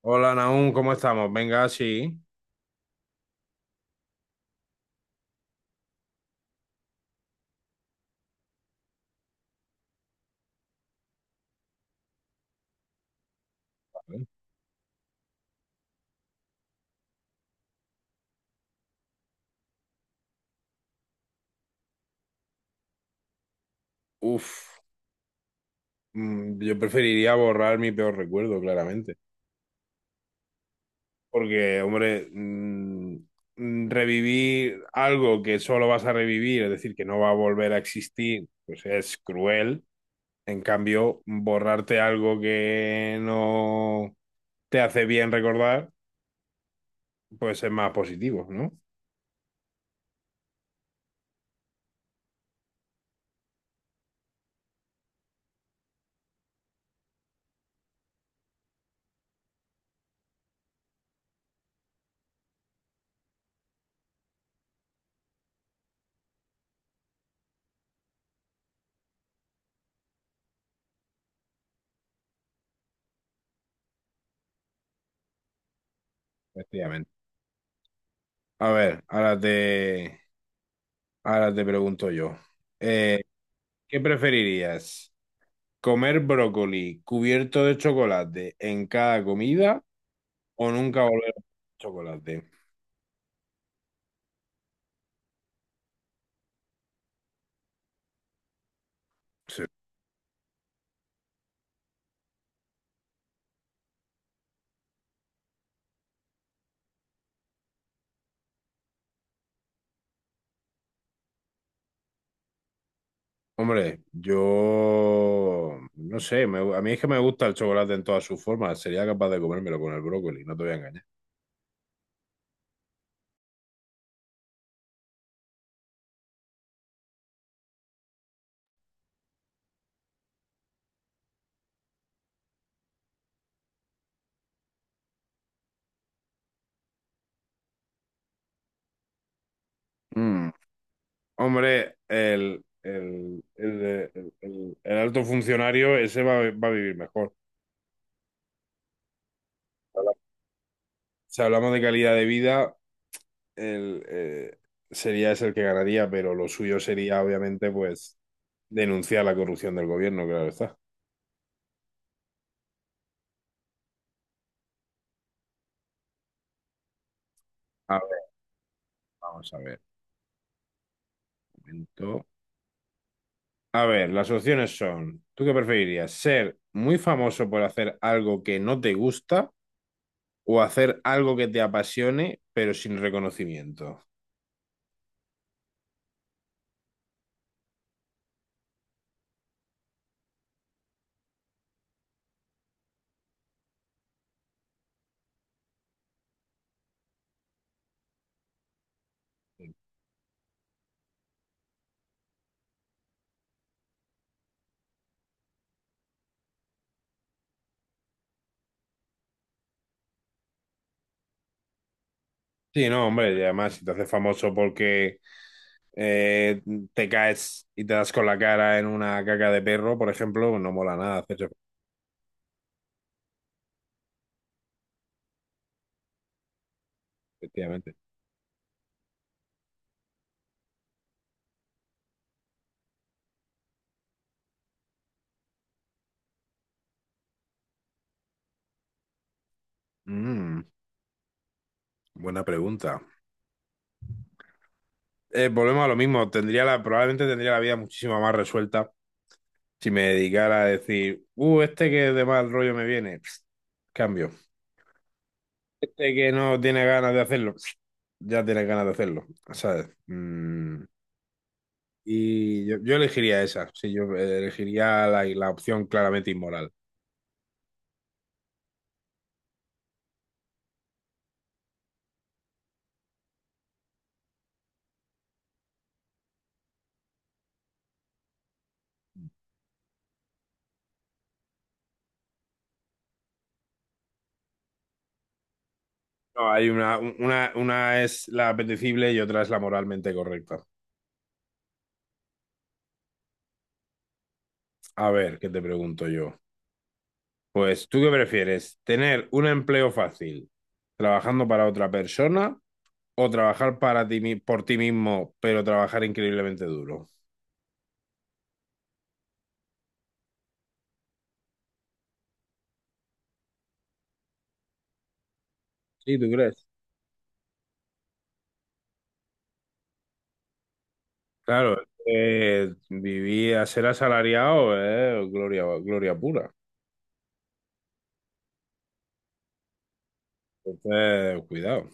Hola, Naum, ¿cómo estamos? Venga, sí. Uf, yo preferiría borrar mi peor recuerdo, claramente. Porque, hombre, revivir algo que solo vas a revivir, es decir, que no va a volver a existir, pues es cruel. En cambio, borrarte algo que no te hace bien recordar, pues es más positivo, ¿no? Efectivamente. A ver, ahora te pregunto yo. Eh, ¿Qué preferirías? Comer brócoli cubierto de chocolate en cada comida o nunca volver a comer chocolate. Sí. Hombre, yo no sé, a mí es que me gusta el chocolate en todas sus formas. Sería capaz de comérmelo con el brócoli, no te voy a engañar. Mm. Hombre, el alto funcionario, ese va, a va a vivir mejor. Si Habla- Si hablamos de calidad de vida, el, eh, sería ese el que ganaría, pero lo suyo sería, obviamente, pues denunciar la corrupción del gobierno, claro está. A ver, vamos a ver. Un momento. A ver, las opciones son, ¿tú qué preferirías? ¿Ser muy famoso por hacer algo que no te gusta o hacer algo que te apasione, pero sin reconocimiento? Sí, no, hombre, y además si te haces famoso porque eh, te caes y te das con la cara en una caca de perro, por ejemplo, no mola nada hacerse famoso, efectivamente. Mm. Buena pregunta. Volvemos a lo mismo. Probablemente tendría la vida muchísimo más resuelta si me dedicara a decir, este que de mal rollo me viene, pss, cambio. Este que no tiene ganas de hacerlo, pss, ya tiene ganas de hacerlo, ¿sabes? Y yo elegiría esa, sí, yo elegiría la opción claramente inmoral. No, hay una es la apetecible y otra es la moralmente correcta. A ver, ¿qué te pregunto yo? Pues, ¿tú qué prefieres? ¿Tener un empleo fácil trabajando para otra persona o trabajar para ti, por ti mismo, pero trabajar increíblemente duro? Sí, ¿tú crees? Claro, vivir a ser asalariado es gloria, gloria pura. Entonces, cuidado.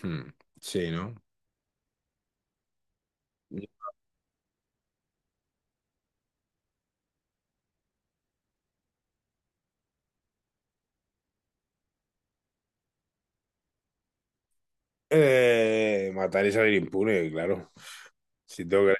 Hmm. Sí, ¿no? Matar y salir impune, claro. Si tengo que,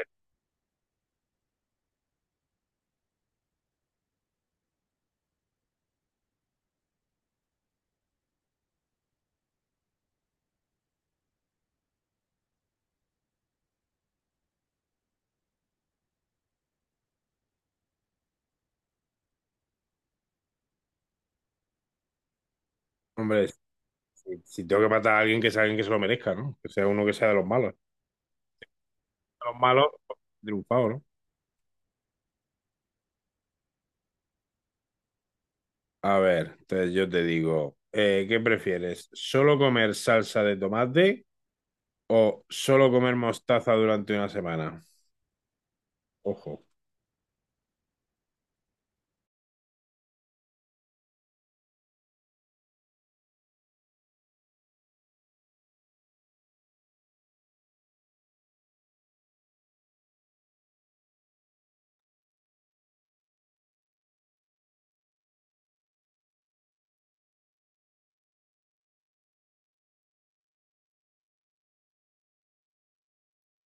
hombre, si tengo que matar a alguien que sea alguien que se lo merezca, ¿no? Que sea uno que sea de los malos. De los malos, pues, triunfado, ¿no? A ver, yo te digo, ¿qué prefieres? ¿Solo comer salsa de tomate o solo comer mostaza durante una semana? Ojo.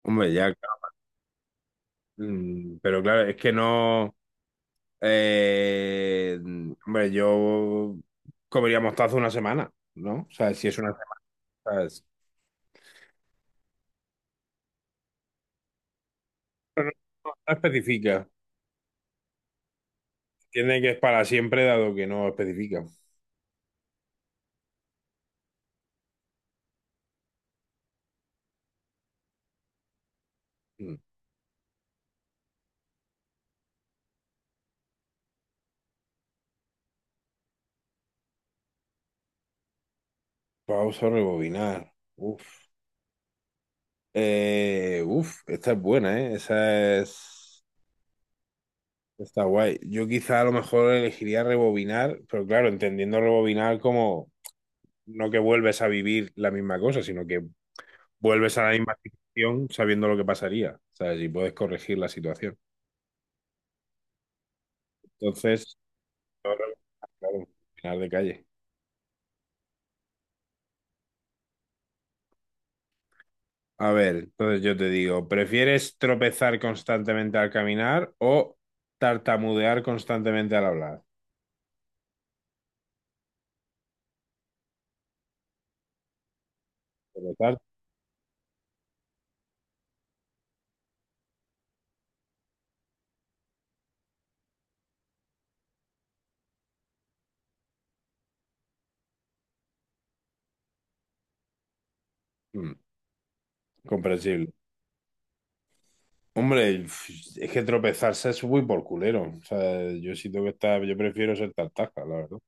Hombre, ya, claro. Mm, pero claro, es que no. Eh, hombre, yo comería mostaza una semana, ¿no? O sea, si es una semana, pero no, no especifica. Tiene que es para siempre, dado que no especifica. Mm. Pausa, rebobinar. Uf. Uf, esta es buena, ¿eh? Esa es. Está guay. Yo quizá a lo mejor elegiría rebobinar, pero claro, entendiendo rebobinar como no que vuelves a vivir la misma cosa, sino que vuelves a la misma situación sabiendo lo que pasaría, ¿sabes? Y puedes corregir la situación. Entonces, ahora, claro, final de calle. A ver, entonces yo te digo, ¿prefieres tropezar constantemente al caminar o tartamudear constantemente al hablar? Tropezar, mm, comprensible. Hombre, es que tropezarse es muy por culero. O sea, yo sí tengo que estar, yo prefiero ser tartaja, la verdad.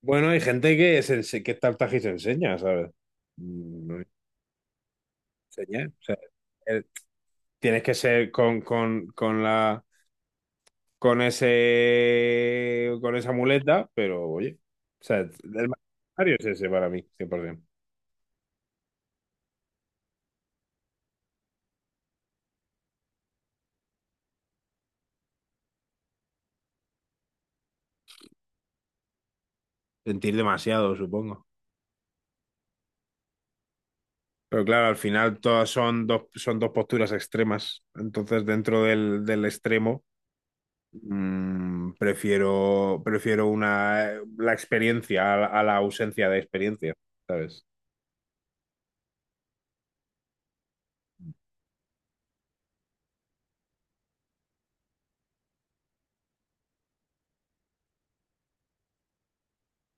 Bueno, hay gente que, que es tartaja y se enseña, ¿sabes? Mm, no enseña. O sea, eh, tienes que ser con la con ese con esa muleta, pero oye. O sea, el Mario es ese para mí, 100%. Sentir demasiado, supongo. Pero claro, al final todas son dos posturas extremas. Entonces, dentro del, del extremo. Mm, prefiero una, la a la ausencia de experiencia, ¿sabes?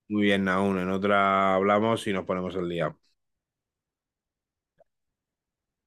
Muy bien, aún en otra hablamos y nos ponemos el día.